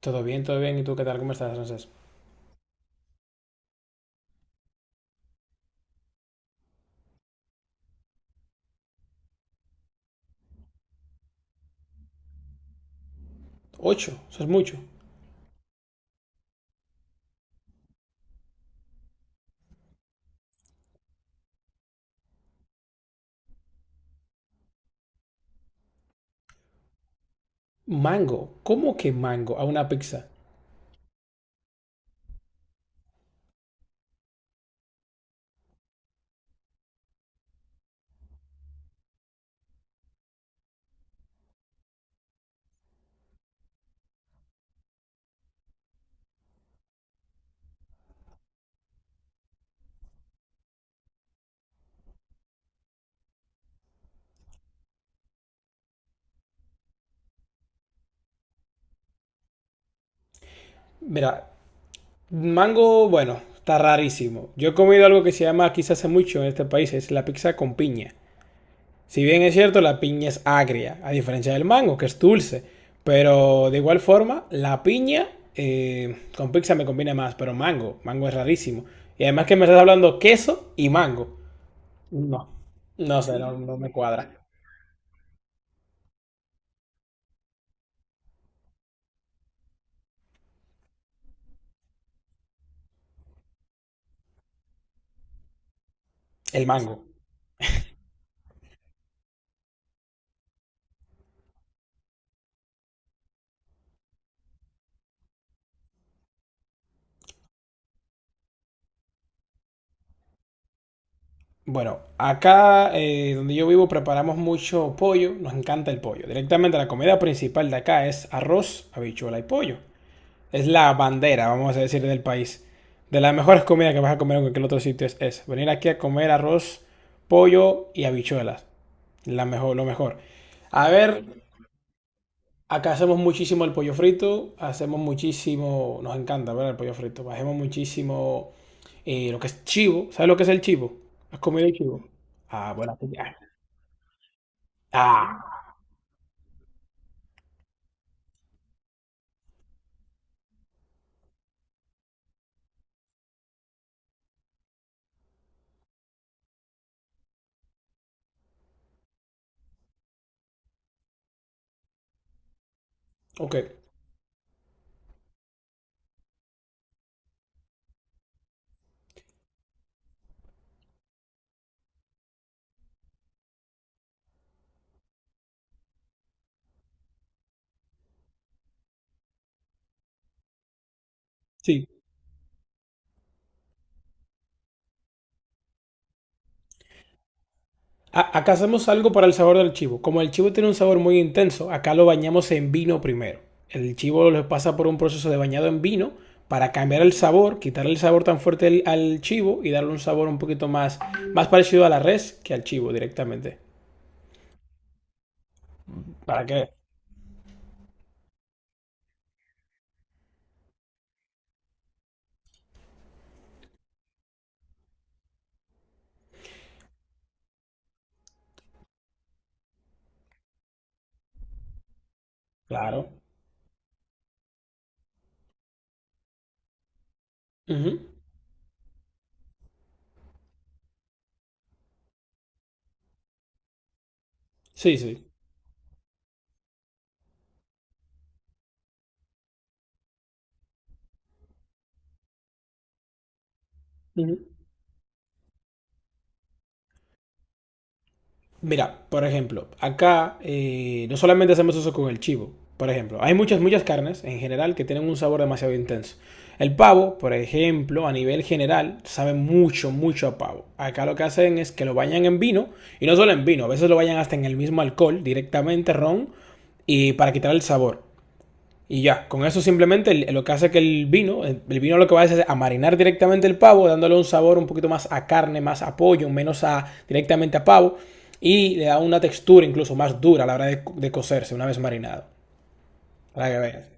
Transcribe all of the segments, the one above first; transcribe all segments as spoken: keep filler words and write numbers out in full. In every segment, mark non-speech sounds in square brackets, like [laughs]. Todo bien, todo bien. ¿Y tú qué tal? ¿Cómo estás, Francés? Ocho, eso es mucho. Mango, ¿cómo que mango a una pizza? Mira, mango, bueno, está rarísimo. Yo he comido algo que se llama aquí se hace mucho en este país, es la pizza con piña. Si bien es cierto, la piña es agria, a diferencia del mango, que es dulce. Pero de igual forma, la piña eh, con pizza me combina más, pero mango, mango es rarísimo. Y además que me estás hablando queso y mango. No, no sé, no, no. El mango. Bueno, acá eh, donde yo vivo preparamos mucho pollo, nos encanta el pollo. Directamente la comida principal de acá es arroz, habichuela y pollo. Es la bandera, vamos a decir, del país. De las mejores comidas que vas a comer en cualquier otro sitio es esa. Venir aquí a comer arroz, pollo y habichuelas. La mejor, lo mejor. A ver, acá hacemos muchísimo el pollo frito, hacemos muchísimo, nos encanta, ¿verdad? El pollo frito, hacemos muchísimo eh, lo que es chivo, ¿sabes lo que es el chivo? ¿Has comido el chivo? Ah, bueno, sí, ah, ah, ok, sí. A- acá hacemos algo para el sabor del chivo. Como el chivo tiene un sabor muy intenso, acá lo bañamos en vino primero. El chivo lo pasa por un proceso de bañado en vino para cambiar el sabor, quitarle el sabor tan fuerte al, al chivo y darle un sabor un poquito más, más parecido a la res que al chivo directamente. ¿Para qué? Claro. Ujú. Sí, sí. Ujú. Mira, por ejemplo, acá eh, no solamente hacemos eso con el chivo. Por ejemplo, hay muchas, muchas carnes en general que tienen un sabor demasiado intenso. El pavo, por ejemplo, a nivel general, sabe mucho, mucho a pavo. Acá lo que hacen es que lo bañan en vino, y no solo en vino, a veces lo bañan hasta en el mismo alcohol, directamente ron, y para quitar el sabor. Y ya, con eso simplemente lo que hace que el vino, el vino lo que va a hacer es a marinar directamente el pavo, dándole un sabor un poquito más a carne, más a pollo, menos a directamente a pavo, y le da una textura incluso más dura a la hora de, de cocerse una vez marinado. Para que vean.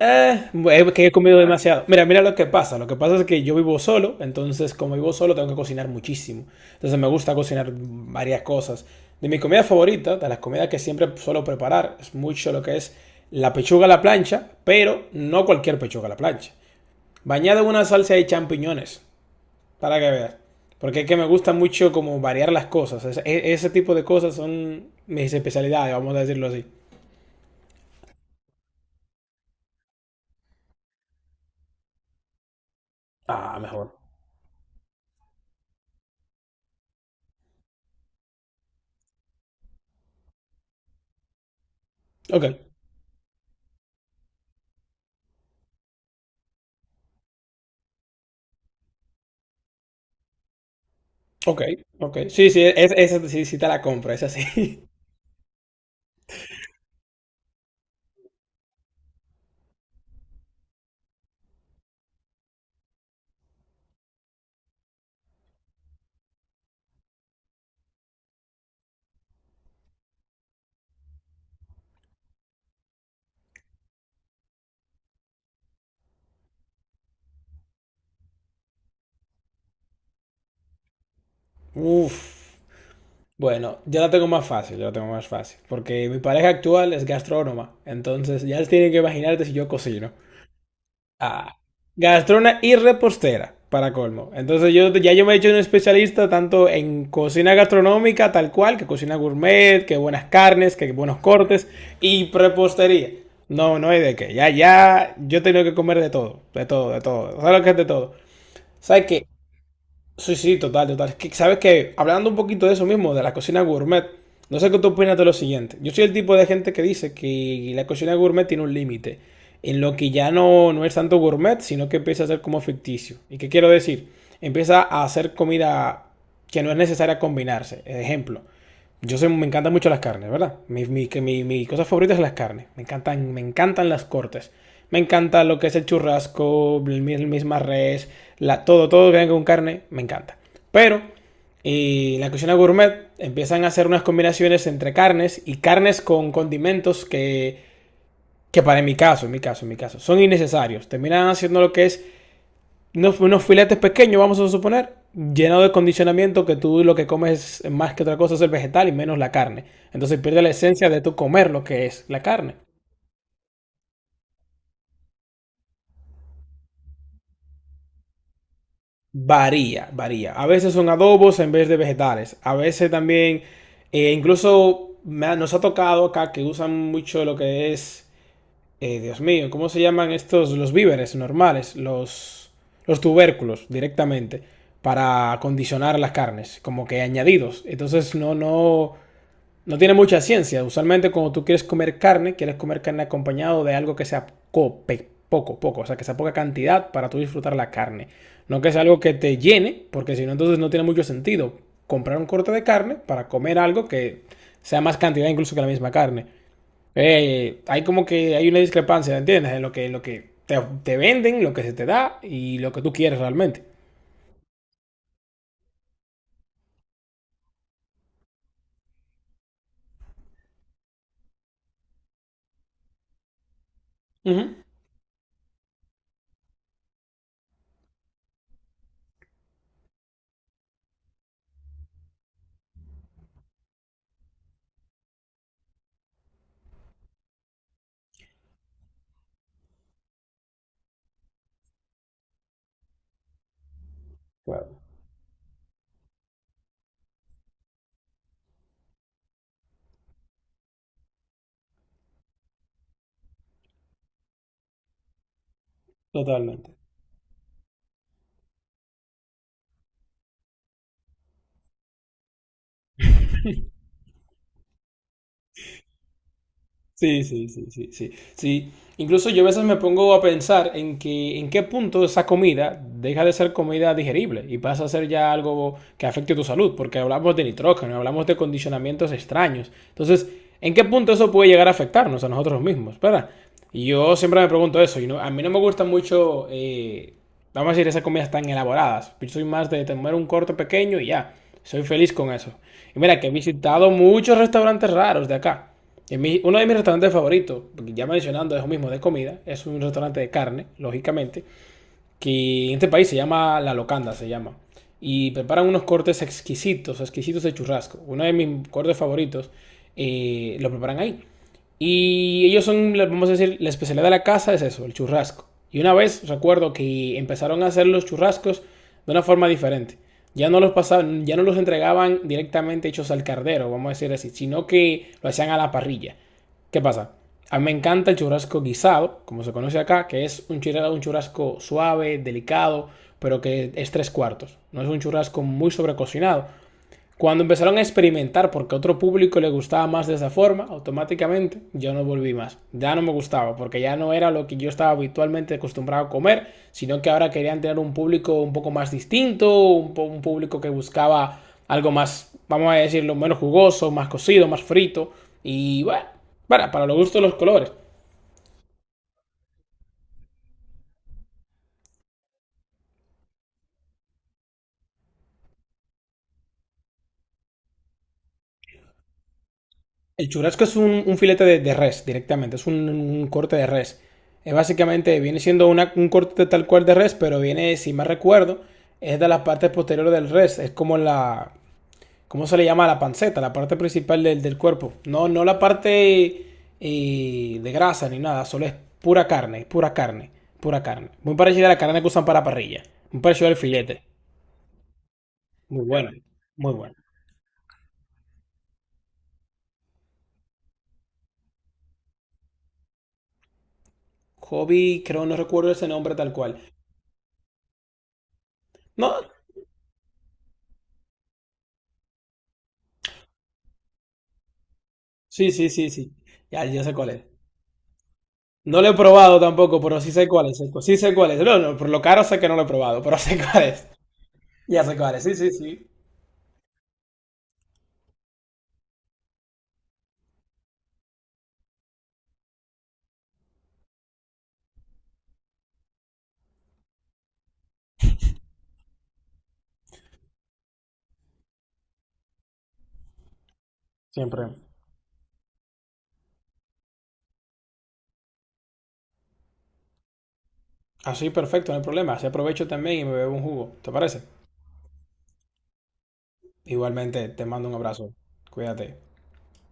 Eh, es que he comido demasiado. Mira, mira lo que pasa. Lo que pasa es que yo vivo solo, entonces como vivo solo tengo que cocinar muchísimo. Entonces me gusta cocinar varias cosas. De mi comida favorita, de las comidas que siempre suelo preparar, es mucho lo que es la pechuga a la plancha, pero no cualquier pechuga a la plancha. Bañada en una salsa de champiñones, para que veas. Porque es que me gusta mucho como variar las cosas. Es- e- ese tipo de cosas son mis especialidades, vamos a decirlo así. Ah, mejor. Ok. Ok, ok. Sí, sí, es- esa sí, sí te la compro, esa sí. [laughs] Uf. Bueno, ya la tengo más fácil, ya la tengo más fácil. Porque mi pareja actual es gastrónoma. Entonces ya tienen que imaginarte si yo cocino. Ah. Gastrona y repostera, para colmo. Entonces yo ya yo me he hecho un especialista tanto en cocina gastronómica, tal cual, que cocina gourmet, que buenas carnes, que buenos cortes, y prepostería. No, no hay de qué. Ya, ya, yo tengo que comer de todo, de todo, de todo. ¿Sabes lo que es de todo? ¿Sabes qué? Sí, sí, total, total. Es que, ¿sabes que hablando un poquito de eso mismo, de la cocina gourmet, no sé qué tú opinas de lo siguiente? Yo soy el tipo de gente que dice que la cocina gourmet tiene un límite, en lo que ya no, no es tanto gourmet, sino que empieza a ser como ficticio. ¿Y qué quiero decir? Empieza a hacer comida que no es necesaria combinarse. Ejemplo, yo sé, me encantan mucho las carnes, ¿verdad? Mi, mi, que mi- mi cosa favorita es las carnes. Me encantan, me encantan las cortes. Me encanta lo que es el churrasco, el, el misma res, la, todo, todo que venga con carne, me encanta. Pero y en la cocina gourmet empiezan a hacer unas combinaciones entre carnes y carnes con condimentos que, que para mi caso, en mi caso, en mi caso, son innecesarios. Terminan haciendo lo que es unos, unos filetes pequeños, vamos a suponer, lleno de condicionamiento que tú lo que comes más que otra cosa es el vegetal y menos la carne. Entonces pierde la esencia de tu comer lo que es la carne. Varía, varía. A veces son adobos en vez de vegetales. A veces también, eh, incluso me ha- nos ha tocado acá que usan mucho lo que es, eh, Dios mío, ¿cómo se llaman estos? Los víveres normales, los, los tubérculos directamente para condicionar las carnes, como que añadidos. Entonces no, no, no tiene mucha ciencia. Usualmente cuando tú quieres comer carne, quieres comer carne acompañado de algo que sea poco, poco, o sea, que sea poca cantidad para tú disfrutar la carne. No que sea algo que te llene, porque si no, entonces no tiene mucho sentido comprar un corte de carne para comer algo que sea más cantidad incluso que la misma carne. Eh, hay como que hay una discrepancia, ¿entiendes? En lo que, lo que te, te venden, lo que se te da y lo que tú quieres realmente. Uh -huh. Claro. Totalmente. Sí, sí, sí, sí, sí, sí. Incluso yo a veces me pongo a pensar en que en qué punto esa comida deja de ser comida digerible y pasa a ser ya algo que afecte tu salud, porque hablamos de nitrógeno, hablamos de condicionamientos extraños. Entonces, ¿en qué punto eso puede llegar a afectarnos a nosotros mismos? ¿Verdad? Y yo siempre me pregunto eso, y no- a mí no me gustan mucho, eh, vamos a decir, esas comidas tan elaboradas. Yo soy más de comer un corte pequeño y ya, soy feliz con eso. Y mira, que he visitado muchos restaurantes raros de acá. En mi- uno de mis restaurantes favoritos, ya mencionando, es lo mismo de comida, es un restaurante de carne, lógicamente, que en este país se llama La Locanda, se llama. Y preparan unos cortes exquisitos, exquisitos de churrasco. Uno de mis cortes favoritos eh, lo preparan ahí. Y ellos son, vamos a decir, la especialidad de la casa es eso, el churrasco. Y una vez recuerdo que empezaron a hacer los churrascos de una forma diferente. Ya no los pasaban, ya no los entregaban directamente hechos al cardero, vamos a decir así, sino que lo hacían a la parrilla. ¿Qué pasa? A mí me encanta el churrasco guisado, como se conoce acá, que es un churrasco, un churrasco suave, delicado, pero que es tres cuartos. No es un churrasco muy sobrecocinado, cuando empezaron a experimentar porque a otro público le gustaba más de esa forma, automáticamente yo no volví más. Ya no me gustaba porque ya no era lo que yo estaba habitualmente acostumbrado a comer, sino que ahora querían tener un público un poco más distinto, un, un público que buscaba algo más, vamos a decirlo, menos jugoso, más cocido, más frito. Y bueno, para, para los gustos de los colores. El churrasco es un, un filete de, de res directamente, es un, un corte de res. Es básicamente, viene siendo una- un corte tal cual de res, pero viene, si mal recuerdo, es de las partes posteriores del res. Es como la, ¿cómo se le llama? La panceta, la parte principal del, del cuerpo. No, no la parte eh, de grasa ni nada, solo es pura carne, pura carne, pura carne. Muy parecido a la carne que usan para parrilla. Muy parecido al filete. Muy bueno, muy bueno. Hobby, creo, no recuerdo ese nombre tal cual. No, sí, sí, sí, sí. Ya, ya sé cuál es. No lo he probado tampoco, pero sí sé cuál es. sé cu- Sí sé cuál es. No, no, por lo caro sé que no lo he probado, pero [laughs] sé cuál es. Ya sé cuál es. Sí, sí, sí. Siempre. Así, perfecto, no hay problema. Así aprovecho también y me bebo un jugo. ¿Te parece? Igualmente, te mando un abrazo. Cuídate.